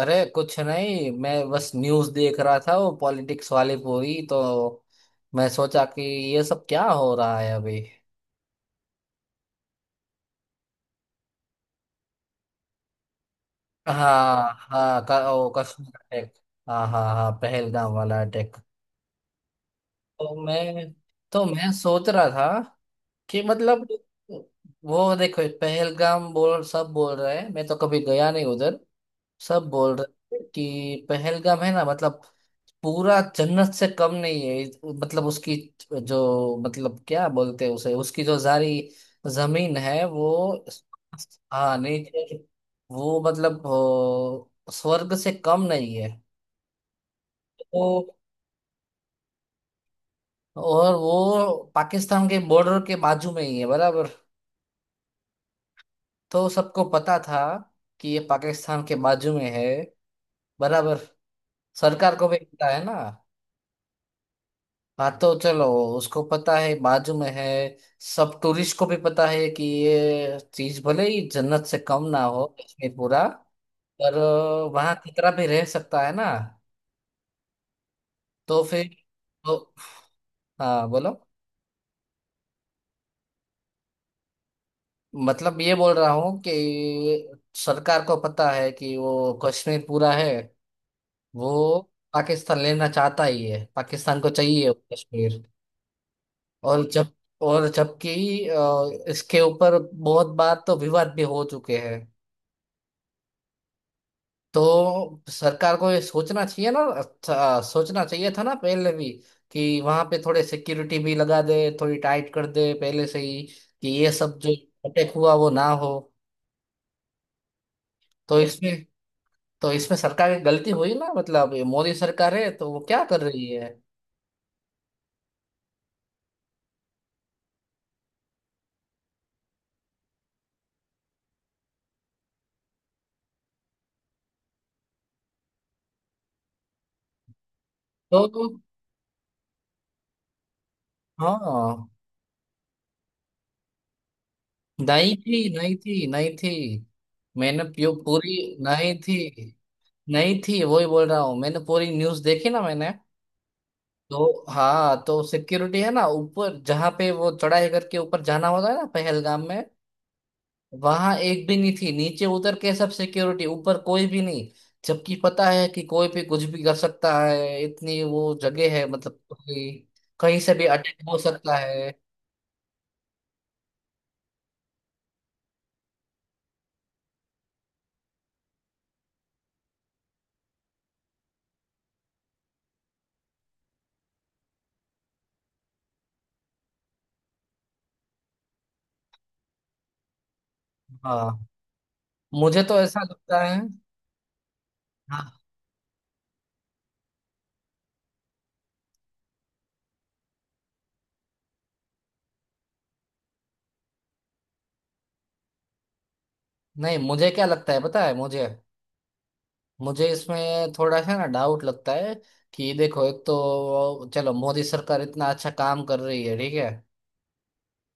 अरे कुछ नहीं, मैं बस न्यूज़ देख रहा था वो पॉलिटिक्स वाली पूरी। तो मैं सोचा कि ये सब क्या हो रहा है अभी। हाँ हाँ, कश्मीर अटैक। हाँ हाँ हाँ, पहलगाम वाला अटैक। तो मैं तो मैं सोच रहा था कि मतलब। वो देखो, पहलगाम बोल सब बोल रहे हैं, मैं तो कभी गया नहीं उधर। सब बोल रहे थे कि पहलगाम है ना, मतलब पूरा जन्नत से कम नहीं है मतलब उसकी। जो मतलब क्या बोलते हैं उसे, उसकी जो जारी जमीन है वो। हाँ नीचे, वो मतलब स्वर्ग से कम नहीं है। तो और वो पाकिस्तान के बॉर्डर के बाजू में ही है बराबर। तो सबको पता था कि ये पाकिस्तान के बाजू में है बराबर। सरकार को भी पता है ना। हाँ तो चलो, उसको पता है बाजू में है। सब टूरिस्ट को भी पता है कि ये चीज भले ही जन्नत से कम ना हो कश्मीर पूरा, पर वहाँ खतरा भी रह सकता है ना। तो फिर। तो हाँ, बोलो। मतलब ये बोल रहा हूँ कि सरकार को पता है कि वो कश्मीर पूरा है, वो पाकिस्तान लेना चाहता ही है, पाकिस्तान को चाहिए वो कश्मीर। और जब और जबकि इसके ऊपर बहुत बार तो विवाद भी हो चुके हैं। तो सरकार को ये सोचना चाहिए ना, अच्छा सोचना चाहिए था ना पहले भी, कि वहां पे थोड़े सिक्योरिटी भी लगा दे, थोड़ी टाइट कर दे पहले से ही, कि ये सब जो अटैक हुआ वो ना हो। तो इसमें तो इसमें सरकार की गलती हुई ना, मतलब ये मोदी सरकार है तो वो क्या कर रही है। तो तो- हाँ। नहीं थी, नहीं थी, नहीं थी। मैंने पूरी। नहीं थी, नहीं थी, वही बोल रहा हूँ, मैंने पूरी न्यूज देखी ना, मैंने। तो हाँ, तो सिक्योरिटी है ना ऊपर जहाँ पे वो चढ़ाई करके ऊपर जाना होता है ना पहलगाम में, वहां एक भी नहीं थी, नीचे उतर के सब सिक्योरिटी, ऊपर कोई भी नहीं। जबकि पता है कि कोई भी कुछ भी कर सकता है, इतनी वो जगह है, मतलब कि कहीं से भी अटैक हो सकता है। हाँ, मुझे तो ऐसा लगता है। हाँ, नहीं, मुझे क्या लगता है पता है मुझे। मुझे इसमें थोड़ा सा ना डाउट लगता है कि देखो, एक तो चलो मोदी सरकार इतना अच्छा काम कर रही है, ठीक है।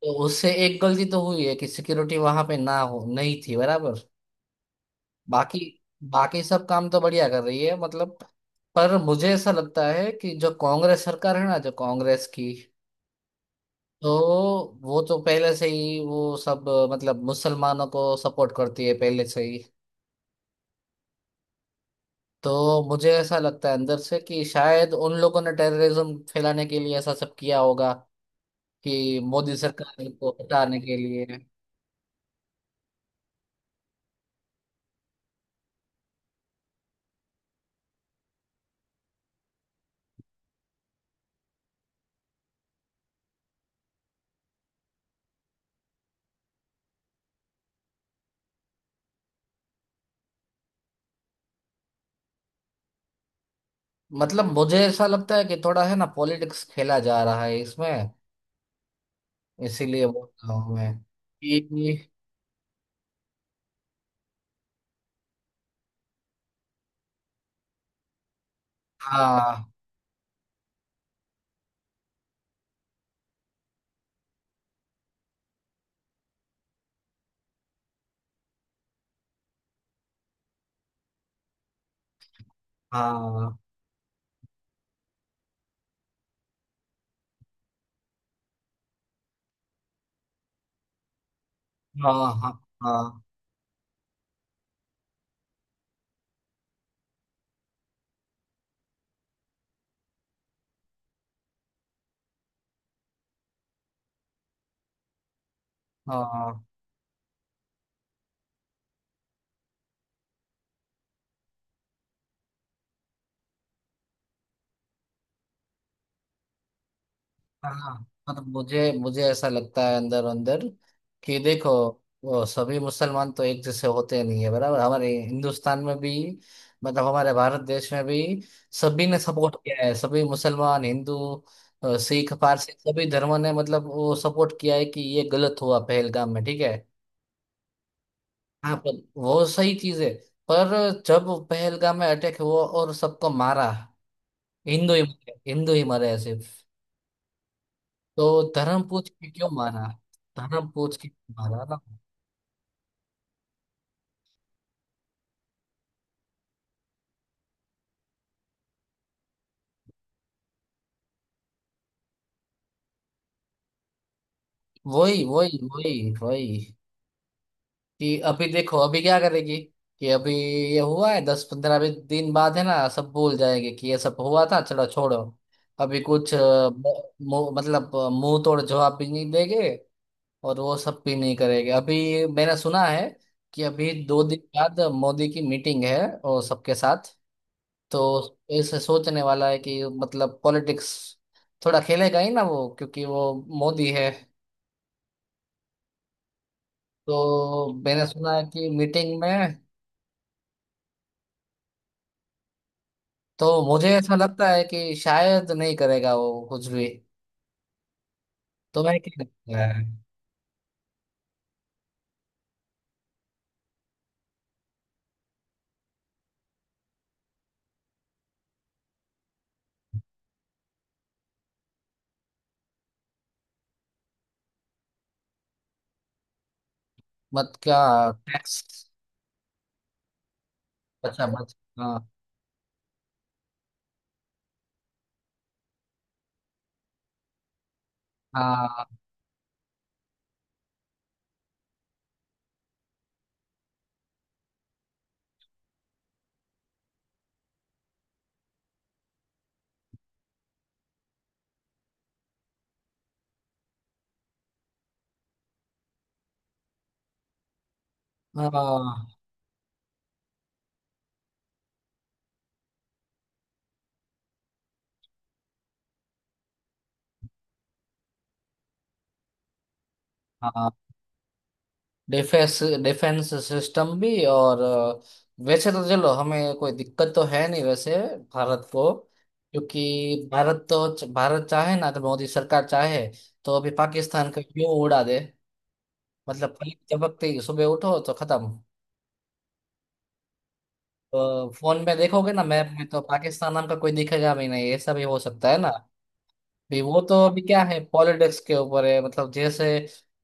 तो उससे एक गलती तो हुई है कि सिक्योरिटी वहां पे ना हो, नहीं थी बराबर। बाकी। सब काम तो बढ़िया कर रही है मतलब। पर मुझे ऐसा लगता है कि जो कांग्रेस सरकार है ना, जो कांग्रेस की, तो वो तो पहले से ही वो सब मतलब मुसलमानों को सपोर्ट करती है पहले से ही। तो मुझे ऐसा लगता है अंदर से कि शायद उन लोगों ने टेररिज्म फैलाने के लिए ऐसा सब किया होगा, कि मोदी सरकार को हटाने के लिए। मतलब मुझे ऐसा लगता है कि थोड़ा है ना पॉलिटिक्स खेला जा रहा है इसमें, इसीलिए बोल रहा हूँ मैं कि हाँ, हाँ, हाँ, हाँ, हाँ, हाँ, हाँ। मतलब मुझे मुझे ऐसा लगता है अंदर अंदर कि देखो, वो सभी मुसलमान तो एक जैसे होते नहीं है बराबर, हमारे हिंदुस्तान में भी, मतलब हमारे भारत देश में भी। सभी ने सपोर्ट किया है, सभी मुसलमान, हिंदू, सिख, पारसी, सभी धर्मों ने मतलब वो सपोर्ट किया है कि ये गलत हुआ पहलगाम में, ठीक है। हाँ, पर वो सही चीज है। पर जब पहलगाम में अटैक हुआ और सबको मारा, हिंदू ही, हिंदू ही मरे सिर्फ। तो धर्म पूछ के क्यों मारा? धर्म पूछ के क्यों मारा ना? वही, वही, वही, वही। कि अभी देखो अभी क्या करेगी, कि अभी ये हुआ है, 10-15 भी दिन बाद है ना सब भूल जाएंगे कि ये सब हुआ था, चलो छोड़ो। अभी कुछ मु- मु- मतलब मुंह तोड़ जवाब भी नहीं देंगे, और वो सब भी नहीं करेंगे। अभी मैंने सुना है कि अभी 2 दिन बाद मोदी की मीटिंग है, और सबके साथ। तो इसे सोचने वाला है कि मतलब पॉलिटिक्स थोड़ा खेलेगा ही ना वो, क्योंकि वो मोदी है। तो मैंने सुना है कि मीटिंग में, तो मुझे ऐसा लगता है कि शायद नहीं करेगा वो कुछ भी। तो मैं क्या लगता है। मत क्या। टैक्स। अच्छा, बच। हाँ, हाँ, हाँ, हाँ। डिफेंस, डिफेंस सिस्टम भी और वैसे तो चलो हमें कोई दिक्कत तो है नहीं वैसे, भारत को। क्योंकि भारत तो भारत चाहे ना, तो मोदी सरकार चाहे। तो अभी पाकिस्तान का क्यों उड़ा दे। मतलब पलक झपकते ही सुबह उठो तो खत्म। अ, फोन में देखोगे ना मैप में, तो पाकिस्तान नाम का कोई दिखेगा भी नहीं, ऐसा भी हो सकता है ना। भी वो तो अभी क्या है, पॉलिटिक्स के ऊपर है, मतलब जैसे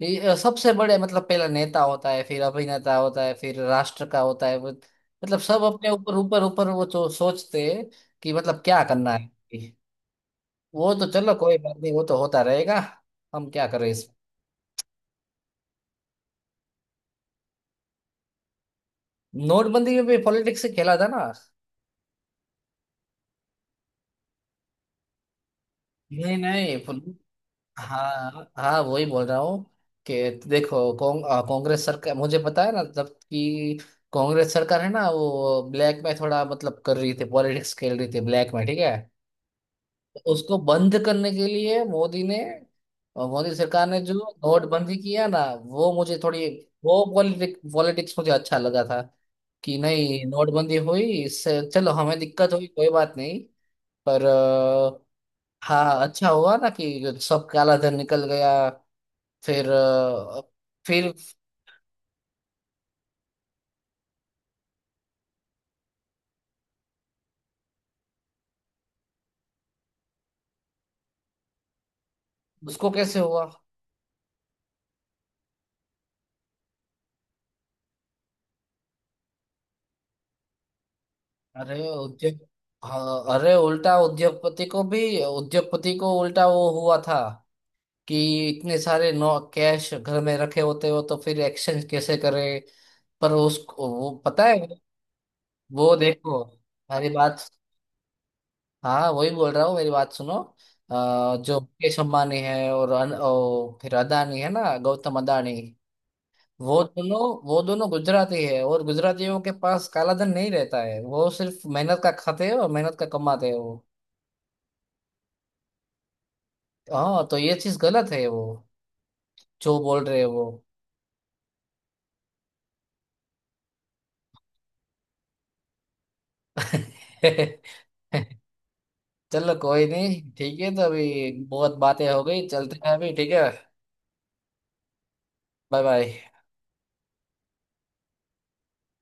ये सबसे बड़े मतलब पहला नेता होता है, फिर अभिनेता होता है, फिर राष्ट्र का होता है मतलब सब अपने ऊपर ऊपर ऊपर वो तो सोचते हैं कि मतलब क्या करना है। वो तो चलो कोई बात नहीं, वो तो होता रहेगा। हम क्या करें इसमें। नोटबंदी में भी पॉलिटिक्स से खेला था ना। नहीं, नहीं। हाँ, हाँ, वही बोल रहा हूँ कि देखो, कांग्रेस सरकार मुझे पता है ना, जब कि कांग्रेस सरकार है ना, वो ब्लैक में थोड़ा मतलब कर रही थी, पॉलिटिक्स खेल रही थी ब्लैक में, ठीक है। तो उसको बंद करने के लिए मोदी सरकार ने जो नोटबंदी किया ना, वो मुझे थोड़ी, वो पॉलिटिक्स मुझे अच्छा लगा था, कि नहीं, नोटबंदी हुई, इससे चलो हमें दिक्कत हुई कोई बात नहीं। पर हाँ, अच्छा हुआ ना कि सब काला धन निकल गया। फिर फिर उसको कैसे हुआ। अरे उद्योग हाँ, अरे उल्टा उद्योगपति को भी। उद्योगपति को उल्टा वो हुआ था कि इतने सारे नो कैश घर में रखे होते हो तो फिर एक्सचेंज कैसे करें। पर उसको वो पता है, वो देखो मेरी बात। हाँ वही बोल रहा हूँ, मेरी बात सुनो। जो मुकेश अंबानी है और फिर अदानी है ना, गौतम अदानी। वो दोनों वो दोनों गुजराती है, और गुजरातियों के पास काला धन नहीं रहता है, वो सिर्फ मेहनत का खाते हैं और मेहनत का कमाते हैं वो। हाँ तो ये चीज गलत है, वो जो बोल रहे हैं वो। चलो, कोई नहीं, ठीक है, तो अभी बहुत बातें हो गई, चलते हैं अभी, ठीक है। Bye bye.